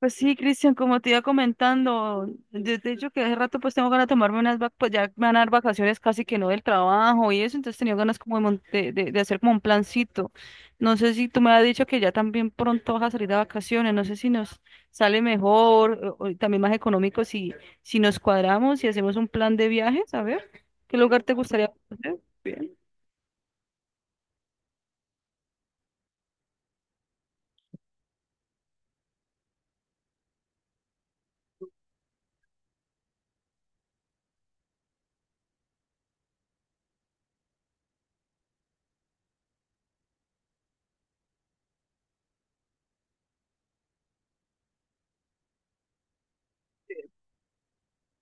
Pues sí, Cristian, como te iba comentando, de hecho que hace rato pues tengo ganas de tomarme unas vacaciones, pues ya me van a dar vacaciones casi que no del trabajo y eso, entonces tenía ganas como de, de hacer como un plancito. No sé si tú me has dicho que ya también pronto vas a salir de vacaciones, no sé si nos sale mejor o también más económico si, si nos cuadramos y hacemos un plan de viajes, a ver, ¿qué lugar te gustaría conocer? Bien.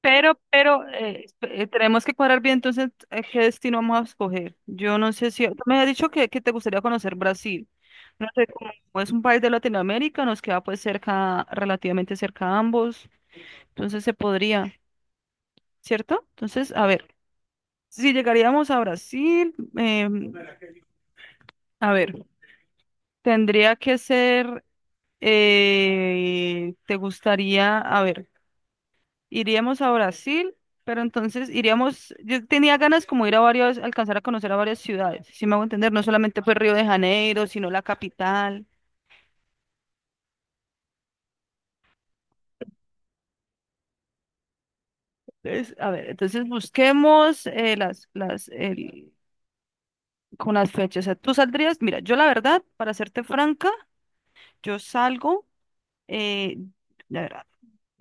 Pero tenemos que cuadrar bien entonces qué destino vamos a escoger. Yo no sé si, tú me has dicho que te gustaría conocer Brasil. No sé, como es un país de Latinoamérica, nos queda pues cerca, relativamente cerca a ambos, entonces se podría, ¿cierto? Entonces, a ver, si llegaríamos a Brasil, a ver, tendría que ser, ¿te gustaría, a ver? Iríamos a Brasil, pero entonces iríamos, yo tenía ganas como ir a varios, alcanzar a conocer a varias ciudades, si me hago entender, no solamente fue Río de Janeiro, sino la capital. Entonces, a ver, entonces busquemos con las fechas. O sea, tú saldrías, mira, yo la verdad, para serte franca, yo salgo, eh, la verdad,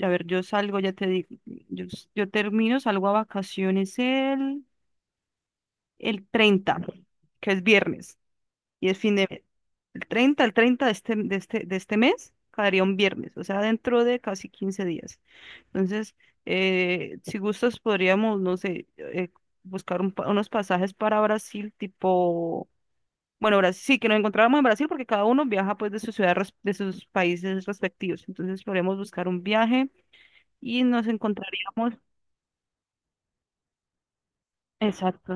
a ver, yo salgo, ya te digo, yo, yo termino, salgo a vacaciones el 30, que es viernes, y es fin de mes. El treinta, el 30 de este mes caería un viernes, o sea, dentro de casi 15 días. Entonces, si gustas, podríamos, no sé, buscar unos pasajes para Brasil, tipo, bueno, Brasil, sí, que nos encontráramos en Brasil porque cada uno viaja pues de su ciudad, de sus países respectivos. Entonces, podríamos buscar un viaje y nos encontraríamos. Exacto.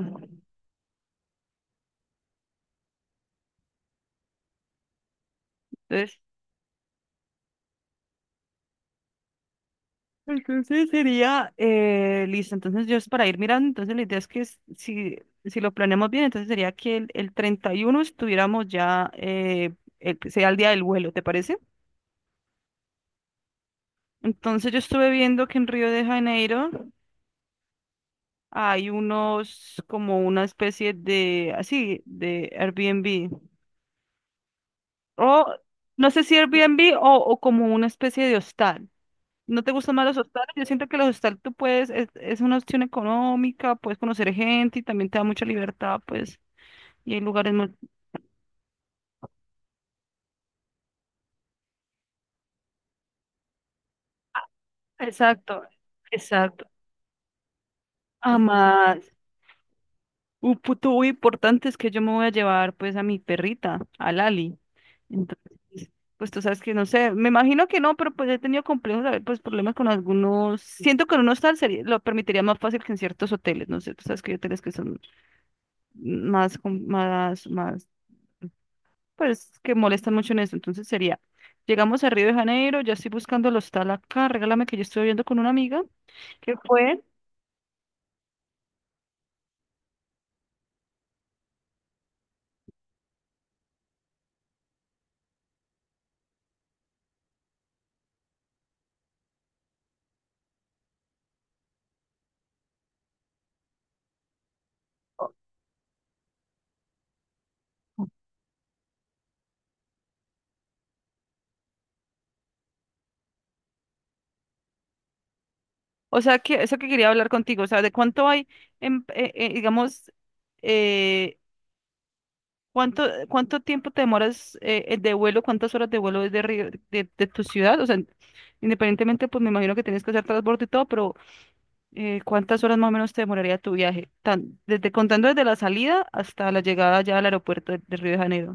Entonces, Entonces sería, listo, entonces yo es para ir mirando, entonces la idea es que si lo planeamos bien, entonces sería que el 31 estuviéramos ya, sea el día del vuelo, ¿te parece? Entonces yo estuve viendo que en Río de Janeiro hay unos, como una especie de, así, de Airbnb, o no sé si Airbnb o como una especie de hostal. ¿No te gustan más los hostales? Yo siento que los hostales tú puedes, es una opción económica, puedes conocer gente y también te da mucha libertad, pues, y hay lugares muy... Exacto, exacto. Además, un punto muy importante es que yo me voy a llevar, pues, a mi perrita, a Lali. Entonces, pues tú sabes que no sé, me imagino que no, pero pues he tenido complejos, a ver, pues problemas con algunos. Siento que en un hostal sería, lo permitiría más fácil que en ciertos hoteles, no sé, tú sabes que hay hoteles que son más pues que molestan mucho en eso. Entonces sería, llegamos a Río de Janeiro, ya estoy buscando el hostal acá, regálame que yo estoy viendo con una amiga que fue, o sea, que eso que quería hablar contigo, o sea, de cuánto hay, en, digamos, eh, cuánto, cuánto tiempo te demoras de vuelo, cuántas horas de vuelo desde Río, de tu ciudad, o sea, independientemente, pues me imagino que tienes que hacer transbordo y todo, pero cuántas horas más o menos te demoraría tu viaje, tan, desde contando desde la salida hasta la llegada ya al aeropuerto de Río de Janeiro.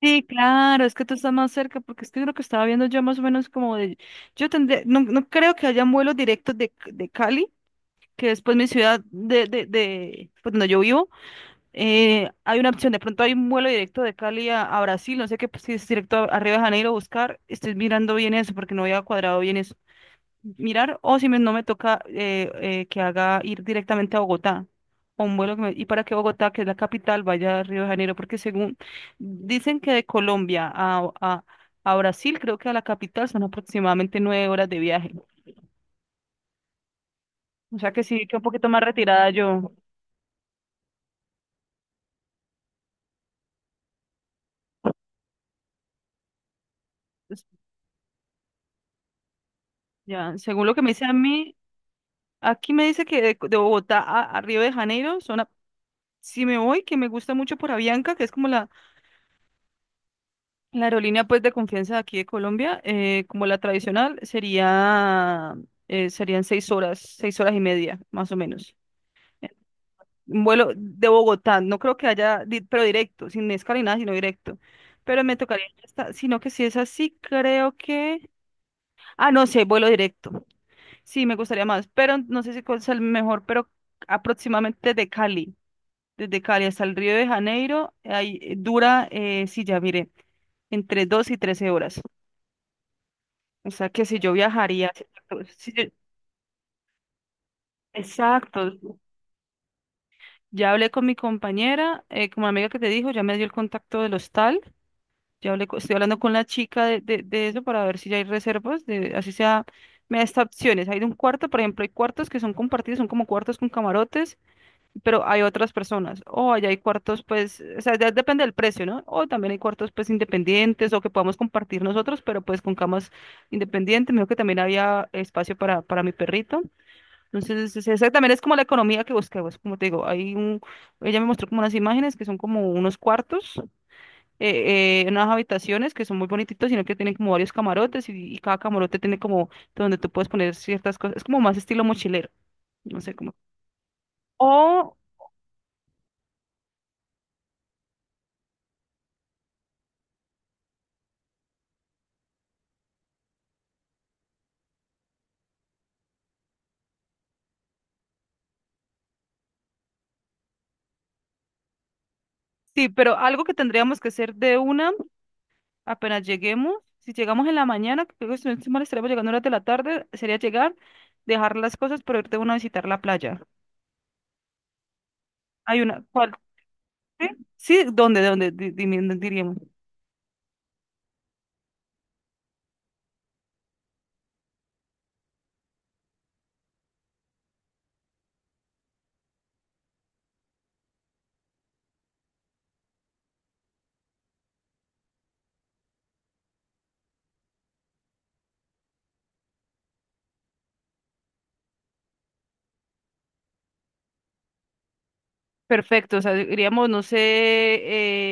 Sí, claro, es que tú estás más cerca, porque es que lo que estaba viendo yo más o menos como de, yo tendré, no, no creo que hayan vuelos directos de Cali, que es pues mi ciudad de pues, donde yo vivo, hay una opción, de pronto hay un vuelo directo de Cali a Brasil, no sé qué, pues, si es directo a Río de Janeiro a buscar, estoy mirando bien eso, porque no había cuadrado bien eso, mirar o si no me toca que haga ir directamente a Bogotá o un vuelo que y para que Bogotá, que es la capital, vaya a Río de Janeiro, porque según dicen que de Colombia a Brasil, creo que a la capital son aproximadamente nueve horas de viaje. O sea que sí, que un poquito más retirada yo. Pues, ya, según lo que me dice a mí, aquí me dice que de Bogotá a Río de Janeiro son, si me voy, que me gusta mucho por Avianca, que es como la la aerolínea pues de confianza de aquí de Colombia, como la tradicional, sería, serían seis horas y media, más o menos. Eh, Un vuelo de Bogotá, no creo que haya, pero directo, sin escala ni nada, sino directo. Pero me tocaría, sino que si es así, creo que... Ah, no sé, vuelo directo. Sí, me gustaría más, pero no sé si cuál es el mejor, pero aproximadamente de Cali, desde Cali hasta el Río de Janeiro, ahí dura, sí, ya mire, entre dos y 13 horas. O sea que si yo viajaría, si- si yo- exacto. Ya hablé con mi compañera, con mi amiga que te dijo, ya me dio el contacto del hostal. Ya hablé, estoy hablando con la chica de eso para ver si ya hay reservas, de, así sea, me da estas opciones. Hay de un cuarto, por ejemplo, hay cuartos que son compartidos, son como cuartos con camarotes, pero hay otras personas. O allá hay cuartos, pues, o sea, ya depende del precio, ¿no? O también hay cuartos, pues, independientes o que podamos compartir nosotros, pero pues con camas independientes. Me dijo que también había espacio para mi perrito. Entonces, esa también es como la economía que buscamos, como te digo, hay un, ella me mostró como unas imágenes que son como unos cuartos, unas habitaciones que son muy bonititos, sino que tienen como varios camarotes y cada camarote tiene como donde tú puedes poner ciertas cosas, es como más estilo mochilero, no sé cómo. O, sí, pero algo que tendríamos que hacer de una, apenas lleguemos, si llegamos en la mañana, que creo que si no estoy mal, estaremos llegando a horas de la tarde, sería llegar, dejar las cosas, pero irte de una a visitar la playa. Hay una, ¿cuál? Sí, sí, ¿dónde, diríamos? Perfecto, o sea, diríamos, no sé,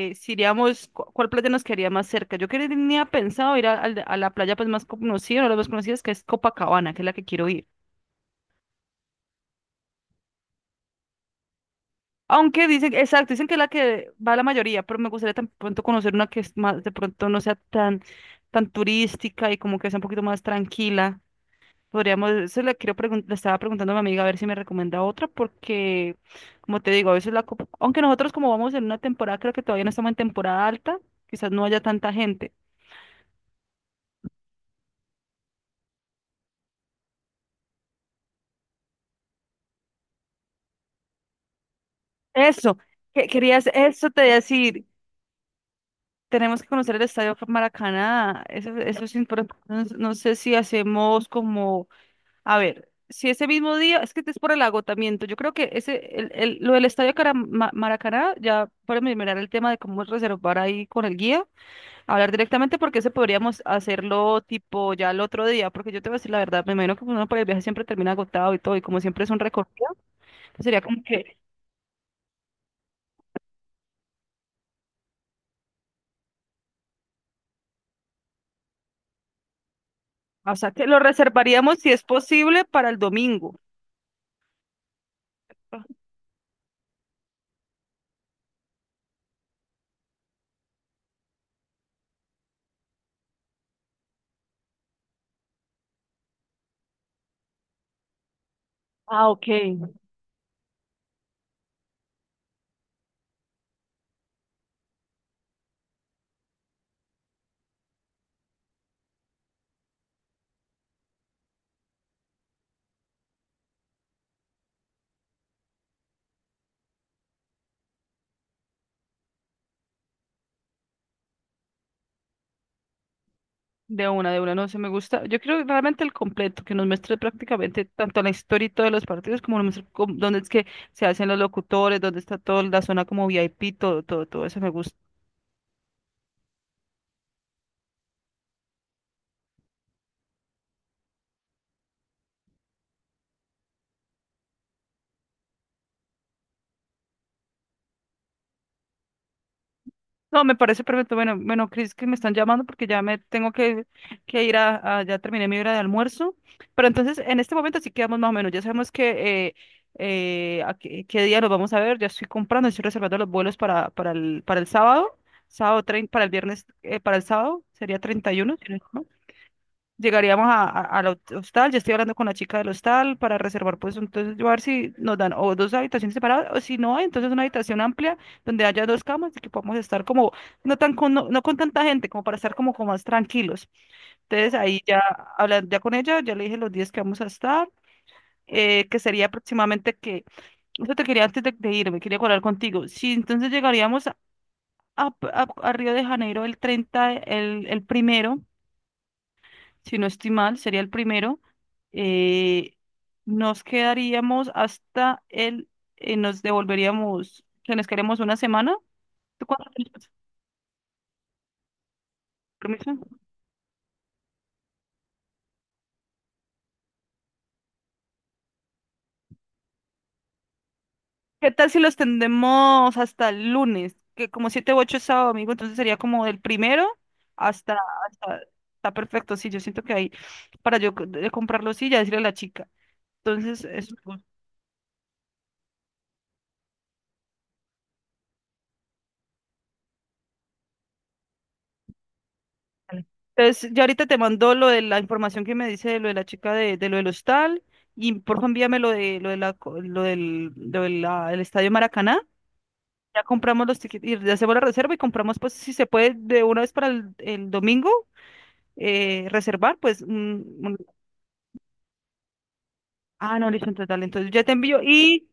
si iríamos, ¿cuál playa nos quedaría más cerca? Yo quería, tenía pensado ir a, a la playa pues más conocida, una de las más conocidas, que es Copacabana, que es la que quiero ir. Aunque dicen, exacto, dicen que es la que va la mayoría, pero me gustaría tan pronto conocer una que es más, de pronto no sea tan, tan turística y como que sea un poquito más tranquila. Podríamos, eso le quiero le estaba preguntando a mi amiga a ver si me recomienda otra, porque, como te digo, a veces la, aunque nosotros como vamos en una temporada, creo que todavía no estamos en temporada alta, quizás no haya tanta gente. Eso, que querías, eso te iba a decir, tenemos que conocer el Estadio Maracaná, eso es importante, no, no sé si hacemos como, a ver, si ese mismo día, es que es por el agotamiento, yo creo que ese, lo del Maracaná, ya para mirar el tema de cómo reservar ahí con el guía. Hablar directamente porque ese podríamos hacerlo tipo ya el otro día, porque yo te voy a decir la verdad, me imagino que uno por el viaje siempre termina agotado y todo, y como siempre es un recorrido, pues sería como que, o sea, que lo reservaríamos si es posible para el domingo. Ah, ok. De una, no sé, me gusta. Yo quiero realmente el completo, que nos muestre prácticamente tanto la historia y todos los partidos, como nos muestre dónde es que se hacen los locutores, dónde está toda la zona como VIP, todo, todo, todo eso me gusta. No, me parece perfecto. Bueno, bueno, Cris, que me están llamando porque ya me tengo que ir a, ya terminé mi hora de almuerzo. Pero entonces, en este momento sí quedamos más o menos. Ya sabemos que a qué, qué día nos vamos a ver. Ya estoy comprando, estoy reservando los vuelos para el sábado, para el viernes, para el sábado, sería 31, si no estoy llegaríamos a, hostal, yo estoy hablando con la chica del hostal para reservar, pues entonces yo a ver si nos dan o dos habitaciones separadas o si no, entonces una habitación amplia donde haya dos camas y que podamos estar como, no tan con, no, no con tanta gente, como para estar como, como más tranquilos. Entonces ahí ya hablando ya con ella, ya le dije los días que vamos a estar, que sería aproximadamente que, eso te quería antes de irme, quería hablar contigo. Si entonces llegaríamos a, a- a Río de Janeiro el 30 el primero si no estoy mal, sería el primero, eh, nos quedaríamos hasta el, nos devolveríamos, que nos quedaríamos una semana. ¿Tú cuánto tenías? ¿Permiso? ¿Qué tal si los tendemos hasta el lunes? Que como siete u ocho es sábado, domingo, entonces sería como del primero hasta, hasta, está perfecto, sí, yo siento que ahí, para yo comprar los sí, ya decirle a la chica. Entonces, eso. Vale. Entonces, yo ahorita te mando lo de la información que me dice de lo de la chica de lo del hostal y por favor envíame lo de la lo del lo de la- el Estadio Maracaná. Ya compramos los tickets y ya hacemos la reserva y compramos pues si se puede de una vez para el domingo reservar pues un- ah no listo entonces dale entonces ya te envío y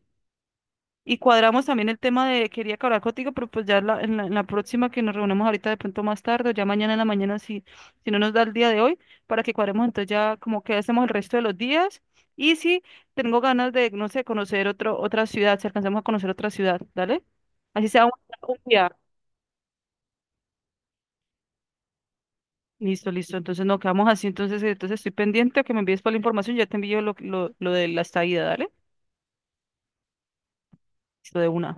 Y cuadramos también el tema de, quería que hablar contigo, pero pues ya en la próxima que nos reunamos ahorita de pronto más tarde, o ya mañana en la mañana, si, si no nos da el día de hoy, para que cuadremos entonces ya como que hacemos el resto de los días. Y si tengo ganas de, no sé, conocer otro, otra ciudad, si alcanzamos a conocer otra ciudad, ¿dale? Así sea un día. Listo, listo. Entonces no quedamos así, entonces, entonces estoy pendiente a que me envíes toda la información, ya te envío lo de la estadía, ¿dale? Listo de una.